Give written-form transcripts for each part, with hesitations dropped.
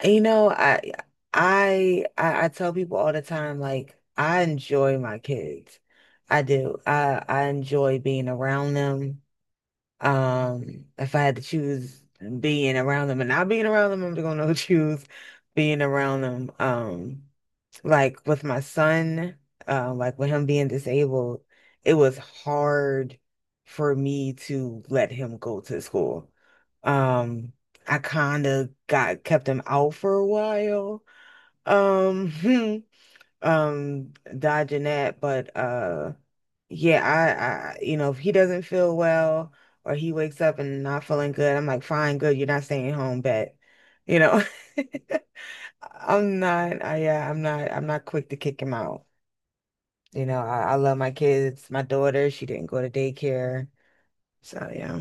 And, You know, I tell people all the time, like I enjoy my kids. I do. I enjoy being around them. If I had to choose being around them and not being around them, I'm gonna choose being around them. Like with my son, like with him being disabled, it was hard for me to let him go to school. Um, I kind of got kept him out for a while. Um, dodging that, but yeah, I, if he doesn't feel well or he wakes up and not feeling good, I'm like, fine, good, you're not staying home, bet. You know, I'm not quick to kick him out. I love my kids. My daughter, she didn't go to daycare. So yeah,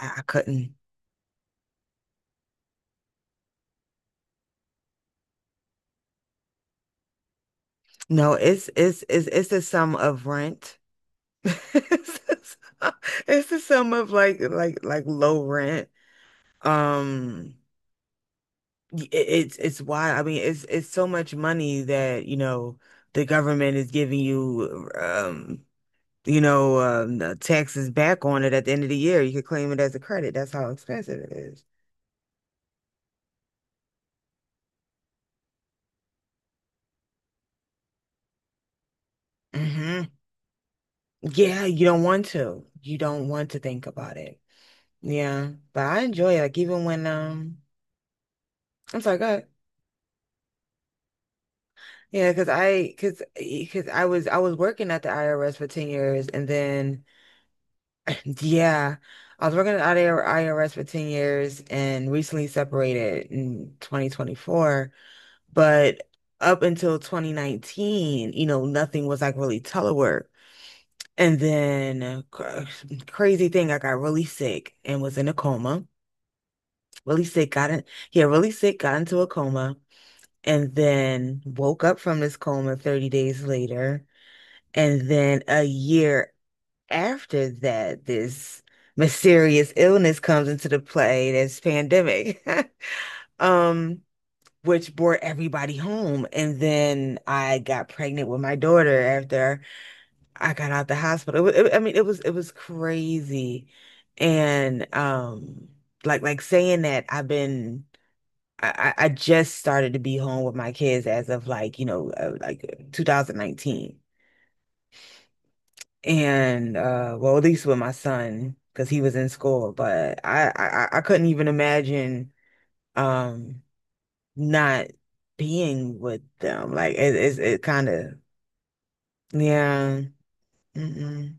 I couldn't. No, it's the sum of rent. It's the sum it's the sum of like low rent. Um, it's wild. I mean, it's so much money that, the government is giving you the taxes back on it at the end of the year. You could claim it as a credit. That's how expensive it is. Mhm. Yeah, you don't want to. You don't want to think about it. Yeah, but I enjoy it. Like even when I'm sorry, go ahead. Yeah, because because I was working at the IRS for 10 years and then, yeah, I was working at the IRS for 10 years and recently separated in 2024. But up until 2019, nothing was like really telework. And then, crazy thing, I got really sick and was in a coma. really sick, got in, yeah, really sick, got into a coma, and then woke up from this coma 30 days later. And then a year after that, this mysterious illness comes into the play, this pandemic, um, which brought everybody home. And then I got pregnant with my daughter after I got out the hospital. I mean, it was crazy. And like saying that I just started to be home with my kids as of like, like 2019. And well, at least with my son because he was in school, but I couldn't even imagine um not being with them. Like it kind of yeah. Mm-mm.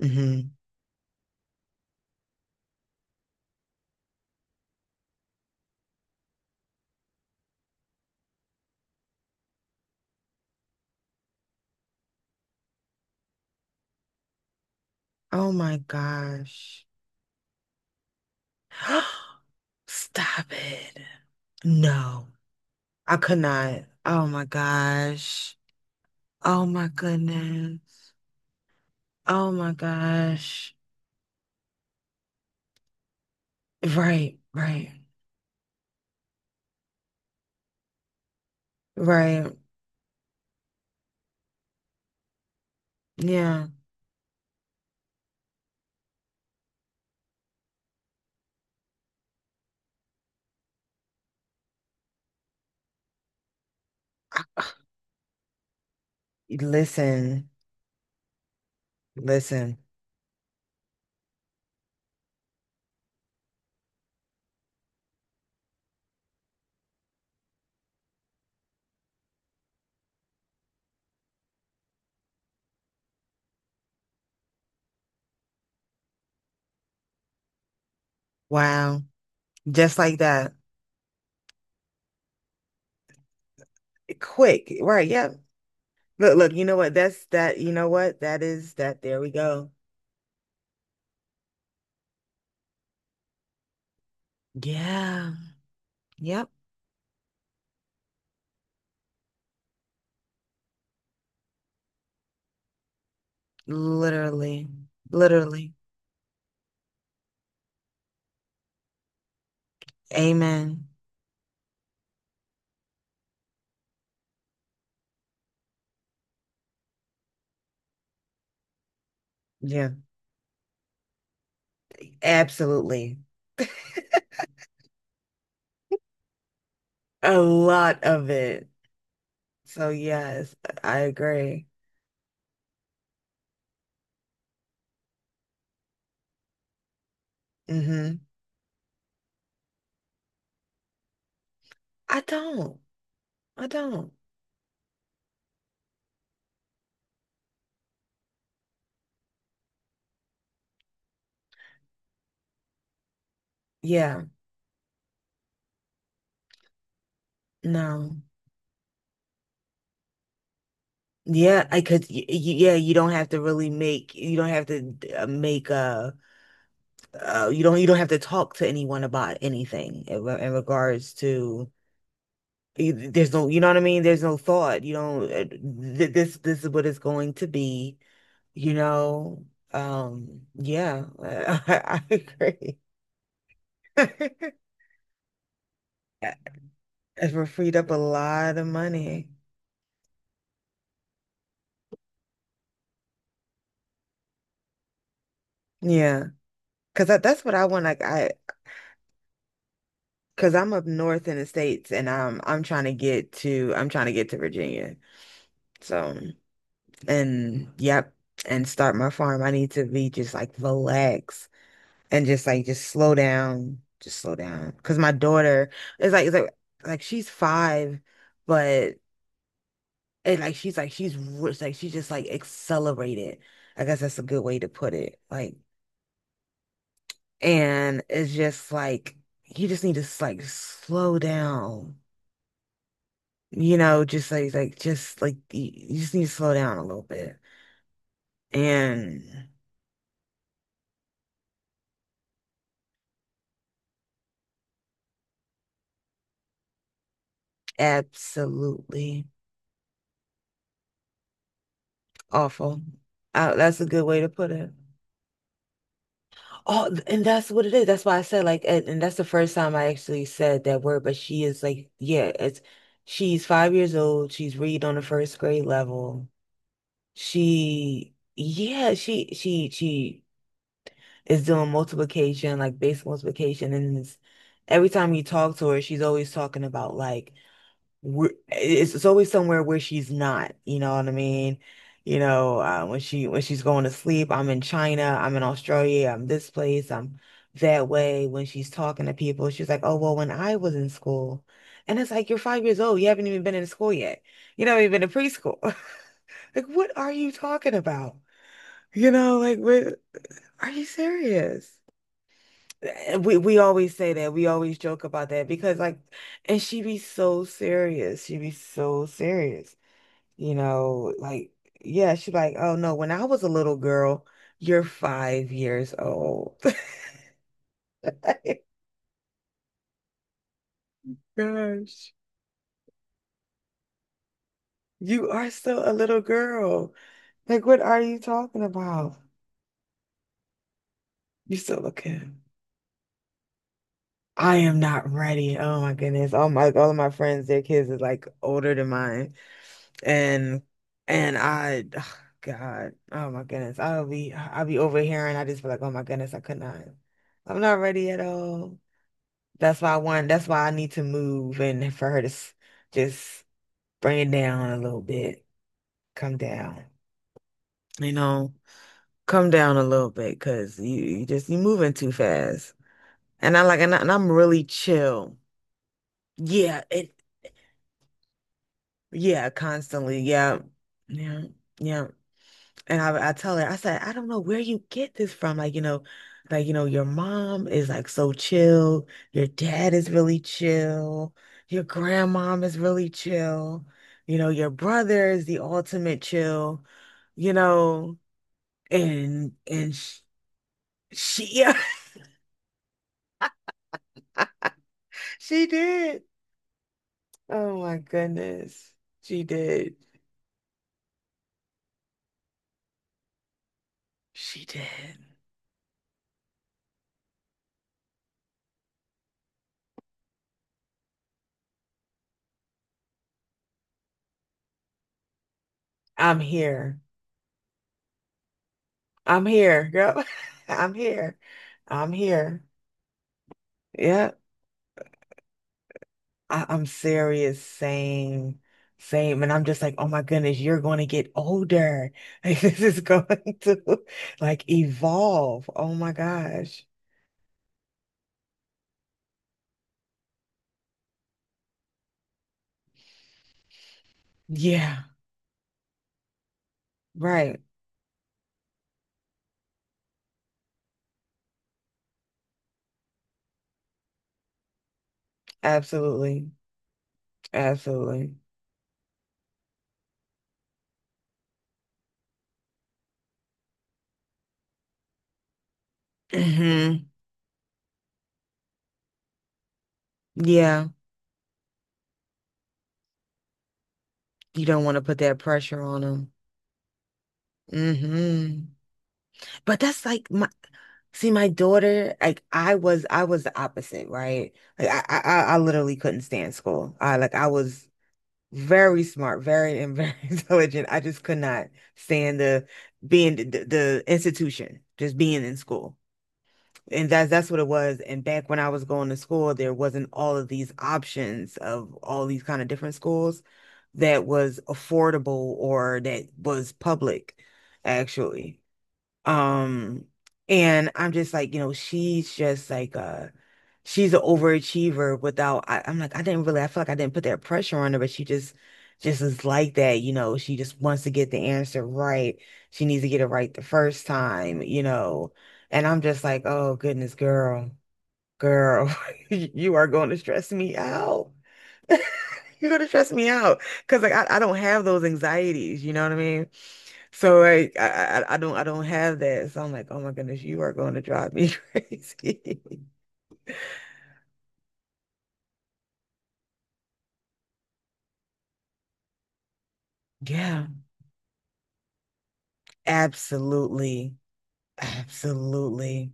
Hmm. Oh my gosh. Stop it. No. I could not. Oh my gosh. Oh my goodness. Oh my gosh. Right, right, right. Yeah. Listen, listen. Wow. Just like that. Quick. Right. Yeah. Look, look, you know what? That's that. You know what? That is that. There we go. Yeah. Yep. Literally. Literally. Amen. Yeah. Absolutely. A lot of it. So yes, I agree. Mm-hmm. I don't. I don't. Yeah. No. Yeah, I could. You don't have to really make. You don't have to make a. You don't. You don't have to talk to anyone about anything in regards to. There's no. You know what I mean? There's no thought. You don't. This. This is what it's going to be. You know. Yeah. I agree. We're freed up a lot of money. Yeah, because that's what I want. Like I. Cause I'm up north in the States and I'm trying to get to Virginia. So and yep, and start my farm. I need to be just like relax and just like just slow down. Just slow down. Cause my daughter is like it's like she's 5, but and it's like she's just like accelerated. I guess that's a good way to put it. Like and it's just like you just need to like slow down. Just like just like you just need to slow down a little bit. And absolutely awful. That's a good way to put it. Oh, and that's what it is. That's why I said like, and that's the first time I actually said that word. But she is like, yeah, it's she's 5 years old. She's read on the first grade level. She, yeah, she is doing multiplication, like basic multiplication, every time you talk to her, she's always talking about like. It's always somewhere where she's not, you know what I mean? When she's going to sleep, I'm in China, I'm in Australia, I'm this place, I'm that way. When she's talking to people, she's like, "Oh, well, when I was in school," and it's like you're 5 years old, you haven't even been in school yet. You've been in preschool. Like, what are you talking about? You know, like, what, are you serious? And we always say that. We always joke about that because like, and she be so serious. She be so serious you know, like, yeah, she's like, oh no, when I was a little girl, you're 5 years old. Like, Gosh, you are still a little girl. Like, what are you talking about? You still looking. I am not ready. Oh my goodness. All of my friends, their kids is like older than mine. And and I ugh, God, oh my goodness. I'll be over here and I just feel like, oh my goodness, I could not. I'm not ready at all. That's why I need to move and for her to just bring it down a little bit, come down, you know, come down a little bit because you moving too fast. And I like, and I'm really chill. Yeah. Constantly. Yeah. Yeah. Yeah. And I tell her, I said, I don't know where you get this from. Like, your mom is like so chill. Your dad is really chill. Your grandmom is really chill. Your brother is the ultimate chill, you know, and yeah, she did. Oh my goodness. She did. She did. I'm here. I'm here, girl. I'm here. I'm here. Yeah. I'm serious, same, same. And I'm just like, oh my goodness, you're going to get older. Like, this is going to like evolve. Oh my gosh. Yeah, right. Absolutely. Absolutely. Hmm. Yeah. You don't want to put that pressure on them. Hmm. But that's like my see my daughter, like I was the opposite, right? Like I literally couldn't stand school. I like I was very smart, very and very intelligent. I just could not stand the institution, just being in school. And that's what it was. And back when I was going to school, there wasn't all of these options of all these kind of different schools that was affordable or that was public, actually. Um, and I'm just like, she's just like she's an overachiever without I'm like I feel like I didn't put that pressure on her, but she just is like that, she just wants to get the answer right. She needs to get it right the first time, and I'm just like, oh goodness, girl, girl, you are going to stress me out. You're going to stress me out, because like I don't have those anxieties, you know what I mean? So like I don't have that, so I'm like, oh my goodness, you are going to drive me crazy. Yeah, absolutely. Absolutely.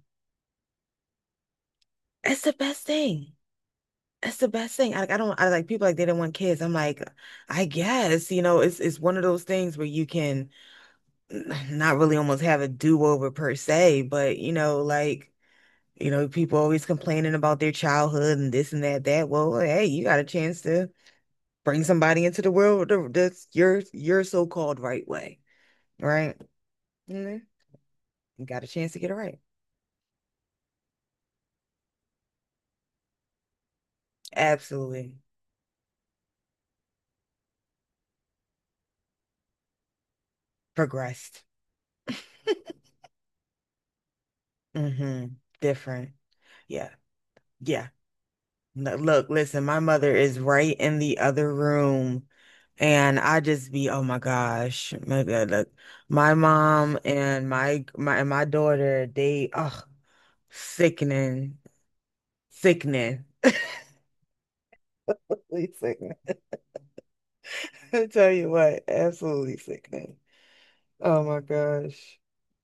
That's the best thing. That's the best thing. I don't I like people like they didn't want kids. I'm like, I guess, it's one of those things where you can not really almost have a do-over per se, but people always complaining about their childhood and this and that, that. Well, hey, you got a chance to bring somebody into the world that's your so-called right way, right? Mhm. You got a chance to get it right. Absolutely. Progressed. Hmm. Different. Yeah. Yeah. No, look, listen, my mother is right in the other room. And I just be, oh my gosh, my God, look, my mom and my daughter, they, oh, sickening, sickening, absolutely sickening. I tell you what, absolutely sickening. Oh my gosh.